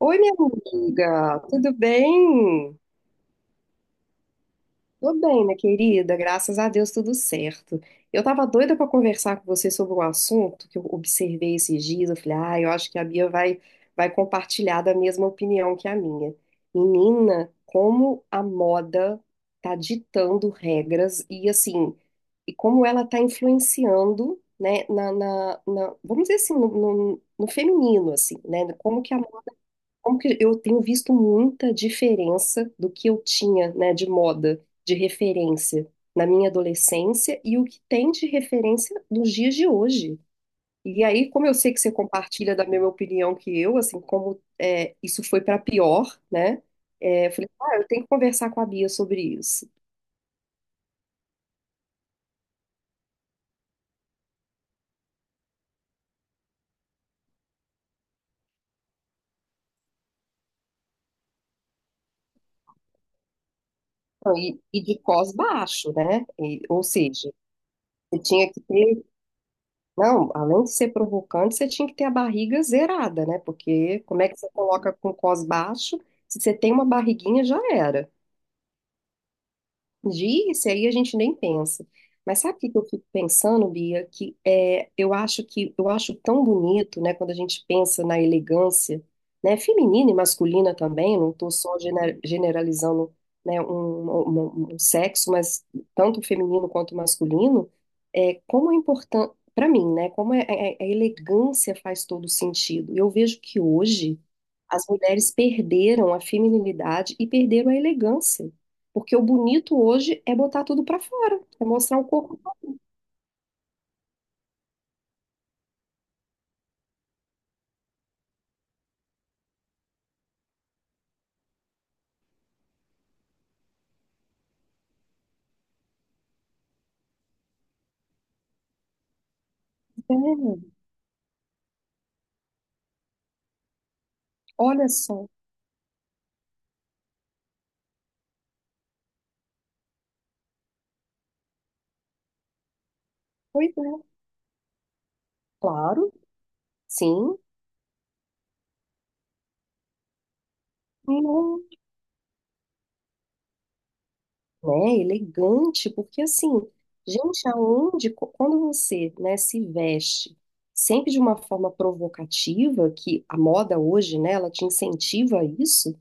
Oi, minha amiga, tudo bem? Tô bem, minha querida, graças a Deus tudo certo. Eu tava doida pra conversar com você sobre um assunto que eu observei esses dias. Eu falei, ah, eu acho que a Bia vai compartilhar da mesma opinião que a minha. Menina, como a moda tá ditando regras e assim, e como ela tá influenciando, né, na vamos dizer assim, no feminino, assim, né? Como que eu tenho visto muita diferença do que eu tinha, né, de moda, de referência na minha adolescência e o que tem de referência nos dias de hoje. E aí, como eu sei que você compartilha da mesma opinião que eu, assim, como é, isso foi para pior, né? É, eu falei, ah, eu tenho que conversar com a Bia sobre isso. Então, e de cós baixo, né? Ou seja, você tinha que ter Não, além de ser provocante, você tinha que ter a barriga zerada, né? Porque como é que você coloca com cos baixo? Se você tem uma barriguinha, já era. Disse, aí a gente nem pensa. Mas sabe o que que eu fico pensando, Bia? Que é, eu acho tão bonito, né, quando a gente pensa na elegância, né, feminina e masculina também, não estou só generalizando, né, um sexo, mas tanto feminino quanto masculino, é como é importante para mim, né? Como é, a elegância faz todo sentido. Eu vejo que hoje as mulheres perderam a feminilidade e perderam a elegância. Porque o bonito hoje é botar tudo pra fora, é mostrar o corpo. É, olha só. Pois é, claro, sim. Né, elegante, porque assim, gente, aonde, quando você, né, se veste sempre de uma forma provocativa, que a moda hoje, né, ela te incentiva a isso,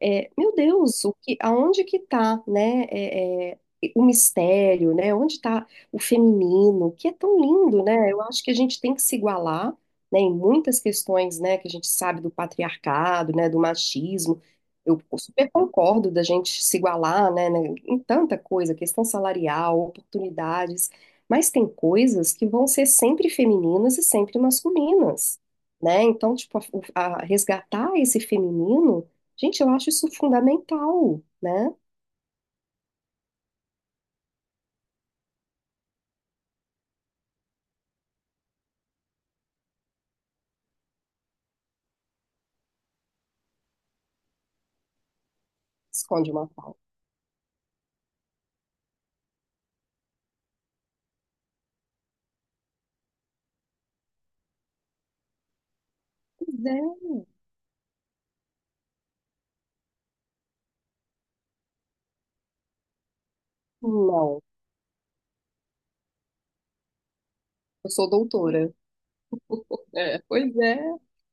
é, meu Deus, o que, aonde que tá, né, o mistério, né, onde tá o feminino, que é tão lindo, né, eu acho que a gente tem que se igualar, né, em muitas questões, né, que a gente sabe do patriarcado, né, do machismo, eu super concordo da gente se igualar, né, em tanta coisa, questão salarial, oportunidades, mas tem coisas que vão ser sempre femininas e sempre masculinas, né? Então, tipo, resgatar esse feminino, gente, eu acho isso fundamental, né? Esconde uma pauta. Pois é. Não, eu sou doutora. É, pois é,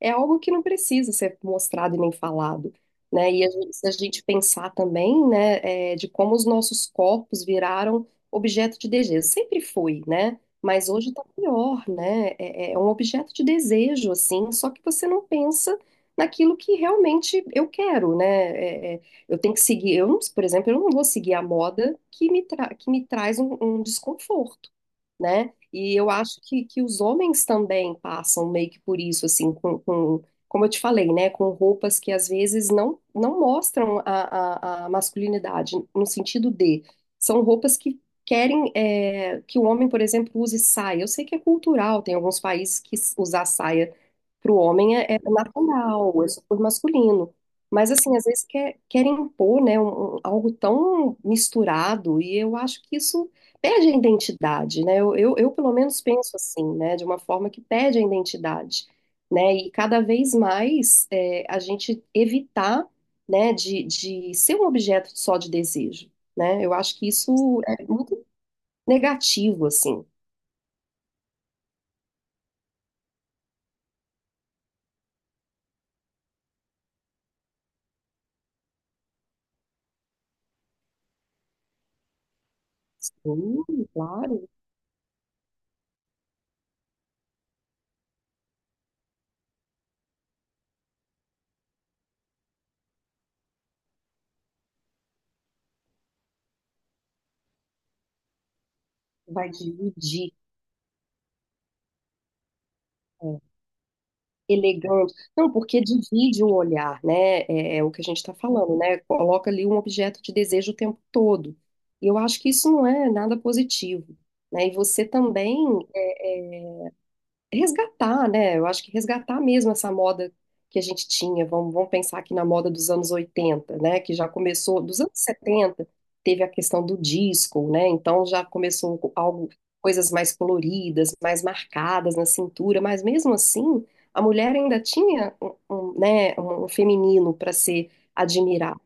é algo que não precisa ser mostrado e nem falado, né? Se a gente pensar também, né, é, de como os nossos corpos viraram objeto de desejo, sempre foi, né? Mas hoje tá pior, né? É é um objeto de desejo, assim, só que você não pensa naquilo que realmente eu quero, né? É, é, eu tenho que seguir, eu, não- por exemplo, eu não vou seguir a moda que me traz um desconforto, né? E eu acho que os homens também passam meio que por isso, assim, como eu te falei, né? Com roupas que às vezes não mostram a masculinidade, no sentido de, são roupas que querem é, que o homem, por exemplo, use saia. Eu sei que é cultural, tem alguns países que usar saia para o homem é, é natural, é super masculino. Mas, assim, às vezes querem impor, né, algo tão misturado, e eu acho que isso pede a identidade, né? Eu, pelo menos penso assim, né? De uma forma que pede a identidade, né? E cada vez mais é, a gente evitar, né? De ser um objeto só de desejo, né? Eu acho que isso é muito negativo, assim. Sim, claro, vai dividir. Elegante. Não, porque divide o olhar, né? É, é o que a gente está falando, né? Coloca ali um objeto de desejo o tempo todo. E eu acho que isso não é nada positivo, né? E você também resgatar, né? Eu acho que resgatar mesmo essa moda que a gente tinha. Vamos pensar aqui na moda dos anos 80, né? Que já começou, dos anos 70 teve a questão do disco, né? Então já começou algo, coisas mais coloridas, mais marcadas na cintura, mas mesmo assim, a mulher ainda tinha um, né, um feminino para ser admirada.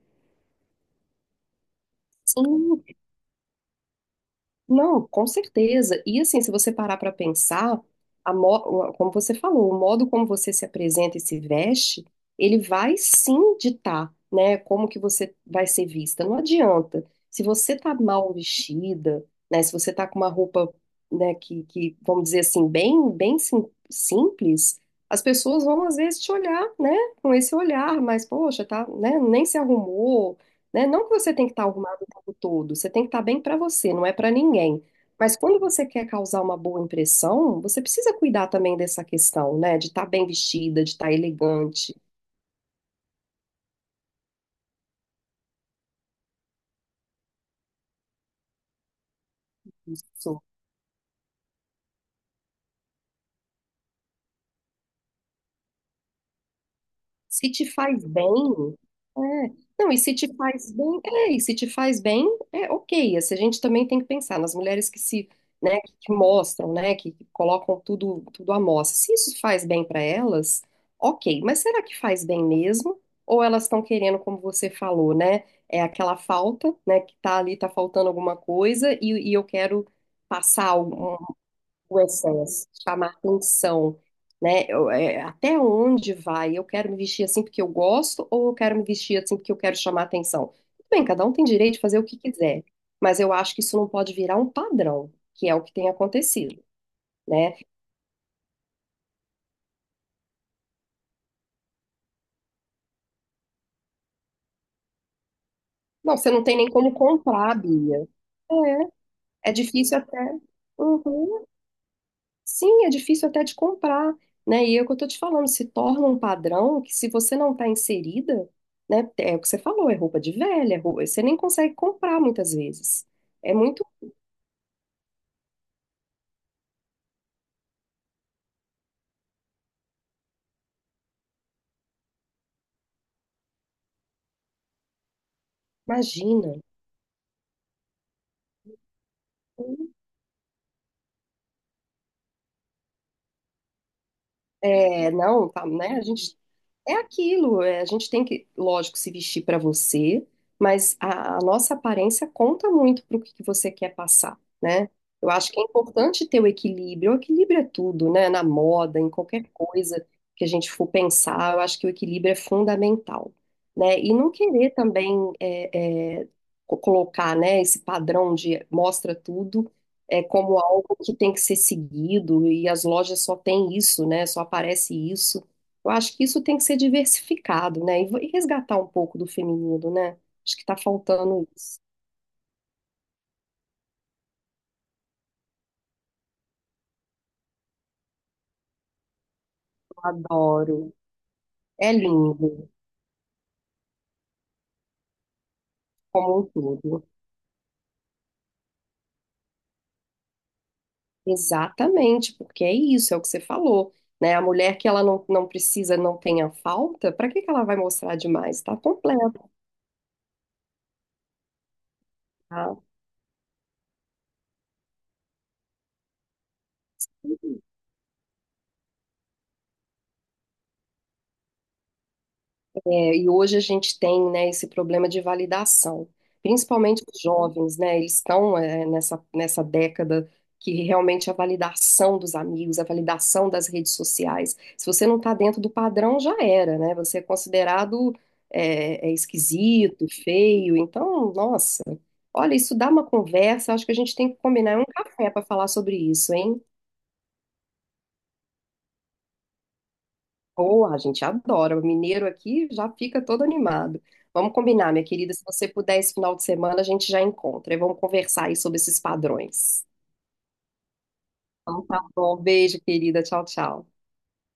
Sim, não, com certeza. E assim, se você parar para pensar, como você falou, o modo como você se apresenta e se veste, ele vai sim ditar, né, como que você vai ser vista. Não adianta. Se você tá mal vestida, né, se você tá com uma roupa, né, que vamos dizer assim, bem, simples, as pessoas vão às vezes te olhar, né, com esse olhar, mas poxa, tá, né, nem se arrumou, né? Não que você tem que estar arrumado o tempo todo, você tem que estar bem para você, não é para ninguém. Mas quando você quer causar uma boa impressão, você precisa cuidar também dessa questão, né? De estar bem vestida, de estar elegante. Isso. Se te faz bem, é. Não, e se te faz bem, é ok. Assim, a gente também tem que pensar nas mulheres que se, né, que mostram, né, que colocam tudo, tudo à mostra. Se isso faz bem para elas, ok. Mas será que faz bem mesmo? Ou elas estão querendo, como você falou, né, é aquela falta, né, que tá ali, tá faltando alguma coisa e eu quero passar o excesso, chamar atenção, né? Eu, é, até onde vai? Eu quero me vestir assim porque eu gosto ou eu quero me vestir assim porque eu quero chamar atenção? Tudo bem, cada um tem direito de fazer o que quiser, mas eu acho que isso não pode virar um padrão, que é o que tem acontecido, né? Não, você não tem nem como comprar, Bia. É, é difícil até. Uhum. Sim, é difícil até de comprar, né? E é o que eu tô te falando, se torna um padrão que se você não tá inserida, né? É o que você falou, é roupa de velha, é roupa, você nem consegue comprar muitas vezes. É muito, imagina. É, não, tá, né? A gente. É aquilo, é, a gente tem que, lógico, se vestir para você, mas a nossa aparência conta muito para o que que você quer passar, né? Eu acho que é importante ter o equilíbrio. O equilíbrio é tudo, né? Na moda, em qualquer coisa que a gente for pensar, eu acho que o equilíbrio é fundamental, né? E não querer também colocar, né, esse padrão de mostra tudo é como algo que tem que ser seguido e as lojas só têm isso, né? Só aparece isso. Eu acho que isso tem que ser diversificado, né? E e resgatar um pouco do feminino, né? Acho que tá faltando isso. Eu adoro. É lindo, como um todo. Exatamente, porque é isso, é o que você falou, né? A mulher que ela não, não precisa, não tenha falta, para que que ela vai mostrar demais? Tá completa. É, e hoje a gente tem, né, esse problema de validação, principalmente os jovens, né, eles estão, é, nessa década que realmente a validação dos amigos, a validação das redes sociais, se você não está dentro do padrão, já era, né, você é considerado, é, é esquisito, feio, então, nossa, olha, isso dá uma conversa, acho que a gente tem que combinar é um café para falar sobre isso, hein? Ou a gente adora. O mineiro aqui já fica todo animado. Vamos combinar, minha querida. Se você puder, esse final de semana a gente já encontra. E vamos conversar aí sobre esses padrões. Então tá bom. Beijo, querida. Tchau, tchau.